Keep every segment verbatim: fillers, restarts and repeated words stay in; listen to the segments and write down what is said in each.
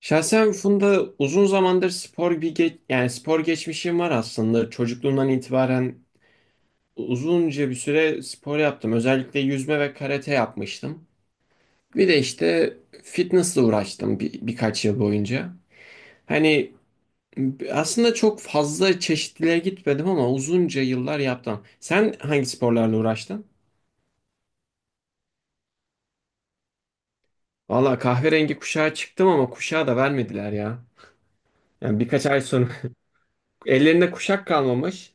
Şahsen Funda uzun zamandır spor bir ge- yani spor geçmişim var aslında. Çocukluğumdan itibaren uzunca bir süre spor yaptım. Özellikle yüzme ve karate yapmıştım. Bir de işte fitnessle uğraştım bir, birkaç yıl boyunca. Hani aslında çok fazla çeşitliliğe gitmedim ama uzunca yıllar yaptım. Sen hangi sporlarla uğraştın? Valla kahverengi kuşağa çıktım ama kuşağı da vermediler ya. Yani birkaç ay sonra ellerinde kuşak kalmamış.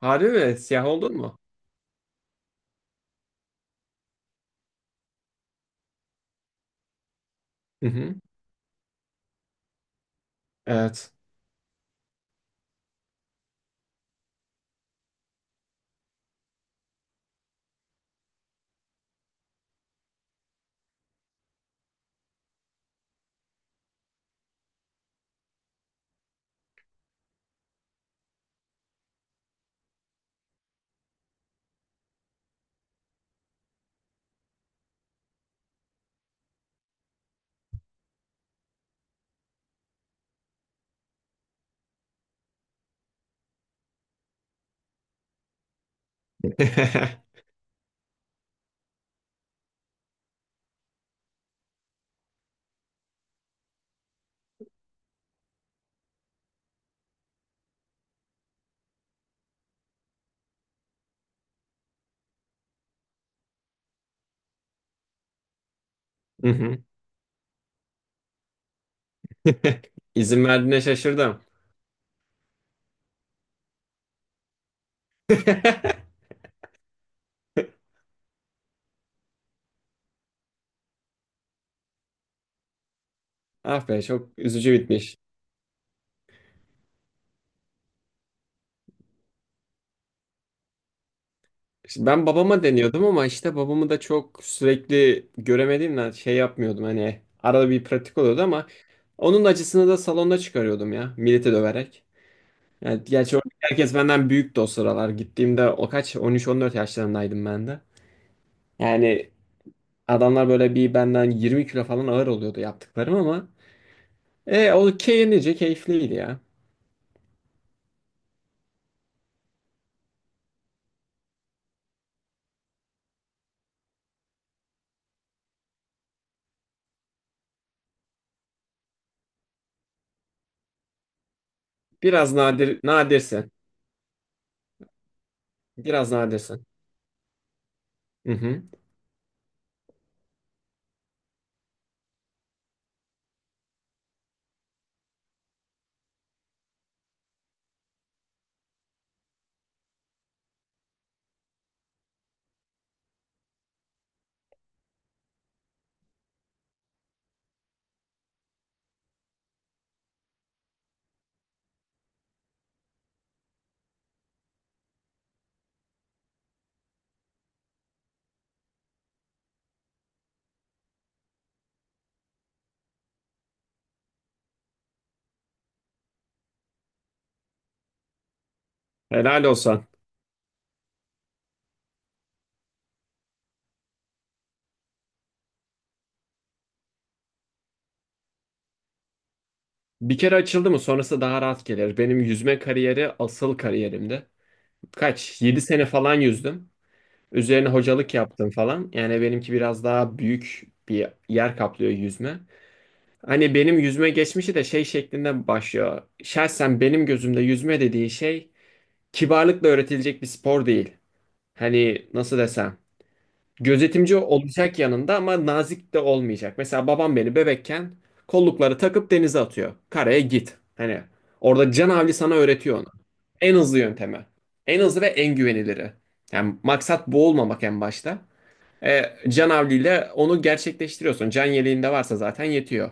Harbi mi? Siyah oldun mu? Evet. Hı hı. İzin verdiğine şaşırdım. Ah be çok üzücü bitmiş. İşte ben babama deniyordum ama işte babamı da çok sürekli göremediğimden şey yapmıyordum hani arada bir pratik oluyordu ama onun acısını da salonda çıkarıyordum ya millete döverek. Yani gerçi orada herkes benden büyüktü o sıralar. Gittiğimde o kaç on üçe on dört yaşlarındaydım ben de. Yani adamlar böyle bir benden yirmi kilo falan ağır oluyordu yaptıklarım ama e, o keyiflice keyifliydi ya. Biraz nadir, nadirsin. Biraz nadirsin. Hı hı. Helal olsan. Bir kere açıldı mı sonrası daha rahat gelir. Benim yüzme kariyeri asıl kariyerimdi. Kaç? Yedi sene falan yüzdüm. Üzerine hocalık yaptım falan. Yani benimki biraz daha büyük bir yer kaplıyor yüzme. Hani benim yüzme geçmişi de şey şeklinde başlıyor. Şahsen benim gözümde yüzme dediği şey kibarlıkla öğretilecek bir spor değil. Hani nasıl desem? Gözetimci olacak yanında ama nazik de olmayacak. Mesela babam beni bebekken kollukları takıp denize atıyor. Karaya git. Hani orada canavli sana öğretiyor onu. En hızlı yöntemi. En hızlı ve en güveniliri. Yani maksat boğulmamak en başta. E, Canavliyle onu gerçekleştiriyorsun. Can yeleğinde varsa zaten yetiyor.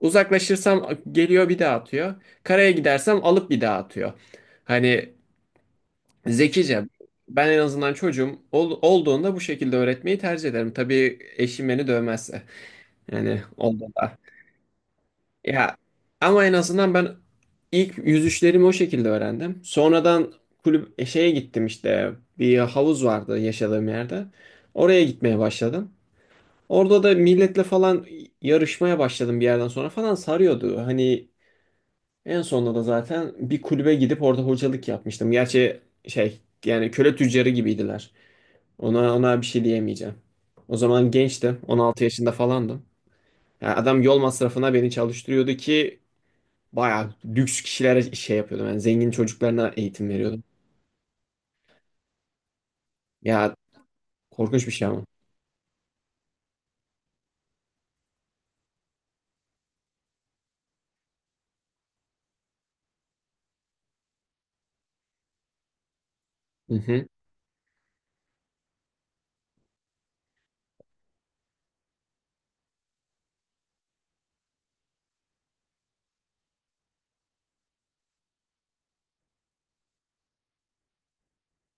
Uzaklaşırsam geliyor bir daha atıyor. Karaya gidersem alıp bir daha atıyor. Hani zekice. Ben en azından çocuğum ol- olduğunda bu şekilde öğretmeyi tercih ederim. Tabii eşim beni dövmezse. Yani olduğunda. Ya ama en azından ben ilk yüzüşlerimi o şekilde öğrendim. Sonradan kulüp e, şeye gittim işte bir havuz vardı yaşadığım yerde. Oraya gitmeye başladım. Orada da milletle falan yarışmaya başladım bir yerden sonra falan sarıyordu. Hani en sonunda da zaten bir kulübe gidip orada hocalık yapmıştım. Gerçi şey yani köle tüccarı gibiydiler. Ona ona bir şey diyemeyeceğim. O zaman gençtim. On altı yaşında falandım. Yani adam yol masrafına beni çalıştırıyordu ki bayağı lüks kişilere şey yapıyordum. Yani zengin çocuklarına eğitim veriyordum. Ya korkunç bir şey ama. Hı hı.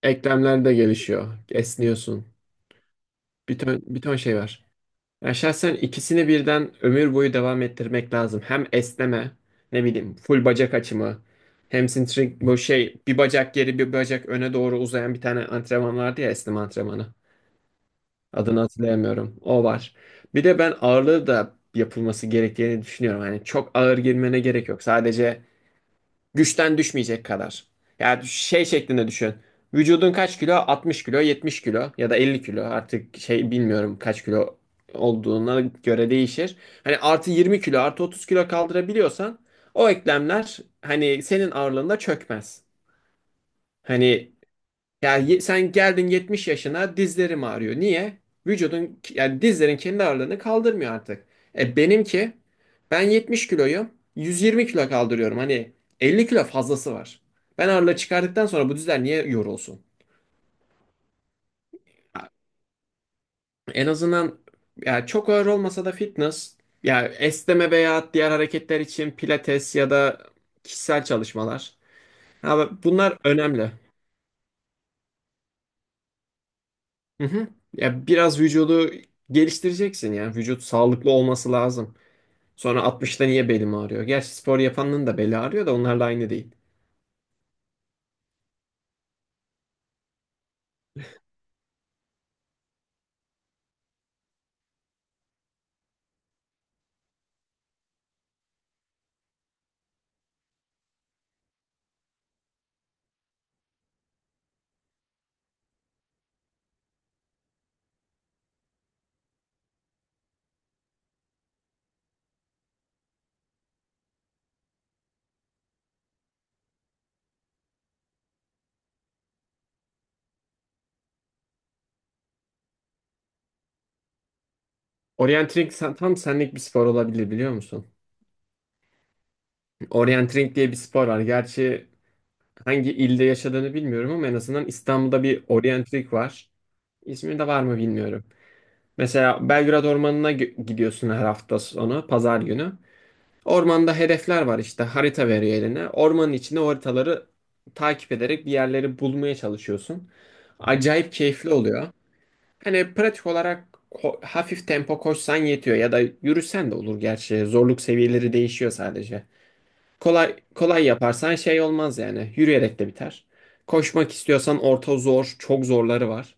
Eklemler de gelişiyor. Esniyorsun. Bir ton, bir ton şey var. Ya şahsen ikisini birden ömür boyu devam ettirmek lazım. Hem esneme, ne bileyim full bacak açımı, hamstring bu şey bir bacak geri bir bacak öne doğru uzayan bir tane antrenman vardı ya esneme antrenmanı. Adını hatırlayamıyorum. O var. Bir de ben ağırlığı da yapılması gerektiğini düşünüyorum. Hani çok ağır girmene gerek yok. Sadece güçten düşmeyecek kadar. Yani şey şeklinde düşün. Vücudun kaç kilo? altmış kilo, yetmiş kilo ya da elli kilo. Artık şey bilmiyorum kaç kilo olduğuna göre değişir. Hani artı yirmi kilo, artı otuz kilo kaldırabiliyorsan o eklemler hani senin ağırlığında çökmez. Hani ya ye- sen geldin yetmiş yaşına dizlerim ağrıyor. Niye? Vücudun yani dizlerin kendi ağırlığını kaldırmıyor artık. E benimki ben yetmiş kiloyum. yüz yirmi kilo kaldırıyorum. Hani elli kilo fazlası var. Ben ağırlığı çıkardıktan sonra bu dizler niye yorulsun? En azından ya çok ağır olmasa da fitness ya esneme veya diğer hareketler için pilates ya da kişisel çalışmalar. Ha, bunlar önemli. Hı hı. Ya biraz vücudu geliştireceksin ya. Vücut sağlıklı olması lazım. Sonra altmışta niye belim ağrıyor? Gerçi spor yapanın da beli ağrıyor da onlarla aynı değil. Orienteering sen- tam senlik bir spor olabilir biliyor musun? Orienteering diye bir spor var. Gerçi hangi ilde yaşadığını bilmiyorum ama en azından İstanbul'da bir orienteering var. İzmir'de var mı bilmiyorum. Mesela Belgrad Ormanı'na gö- gidiyorsun her hafta sonu, pazar günü. Ormanda hedefler var işte harita veriyor eline. Ormanın içinde o haritaları takip ederek bir yerleri bulmaya çalışıyorsun. Acayip keyifli oluyor. Hani pratik olarak ko- hafif tempo koşsan yetiyor ya da yürüsen de olur gerçi. Zorluk seviyeleri değişiyor sadece. Kolay kolay yaparsan şey olmaz yani. Yürüyerek de biter. Koşmak istiyorsan orta zor, çok zorları var.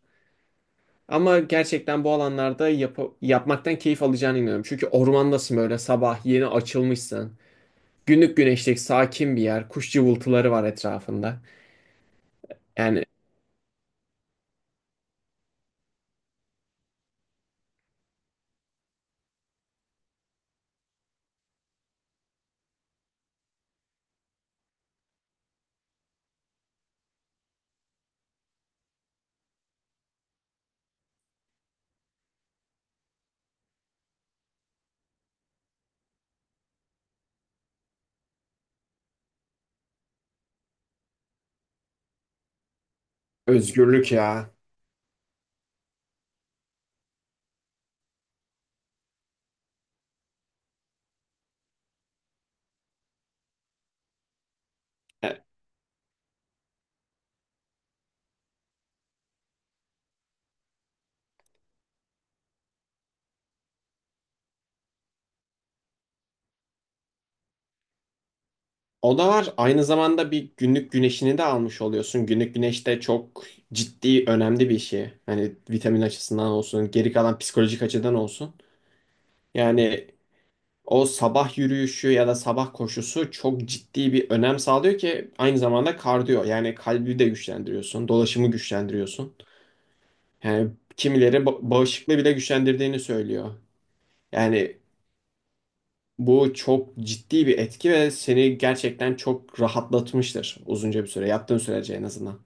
Ama gerçekten bu alanlarda yapı- yapmaktan keyif alacağına inanıyorum. Çünkü ormandasın böyle sabah yeni açılmışsın. Günlük güneşlik, sakin bir yer. Kuş cıvıltıları var etrafında. Yani özgürlük ya. E, O da var. Aynı zamanda bir günlük güneşini de almış oluyorsun. Günlük güneş de çok ciddi, önemli bir şey. Hani vitamin açısından olsun, geri kalan psikolojik açıdan olsun. Yani o sabah yürüyüşü ya da sabah koşusu çok ciddi bir önem sağlıyor ki aynı zamanda kardiyo. Yani kalbi de güçlendiriyorsun, dolaşımı güçlendiriyorsun. Yani kimileri ba- bağışıklığı bile güçlendirdiğini söylüyor. Yani bu çok ciddi bir etki ve seni gerçekten çok rahatlatmıştır uzunca bir süre, yaptığın sürece en azından.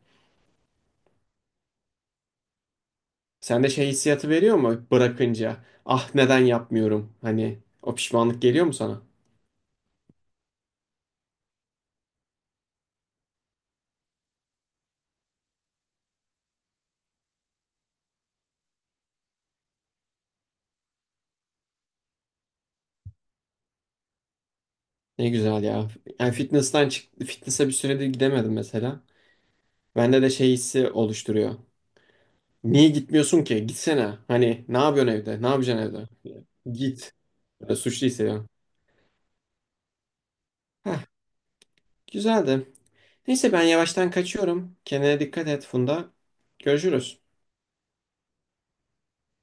Sen de şey hissiyatı veriyor mu bırakınca? Ah neden yapmıyorum? Hani o pişmanlık geliyor mu sana? Ne güzel ya. Yani fitness'tan çıktı, fitness'e bir süredir gidemedim mesela. Bende de şey hissi oluşturuyor. Niye gitmiyorsun ki? Gitsene. Hani ne yapıyorsun evde? Ne yapacaksın evde? Git. Böyle suçlu hissediyorum. Heh, güzeldi. Neyse ben yavaştan kaçıyorum. Kendine dikkat et Funda. Görüşürüz.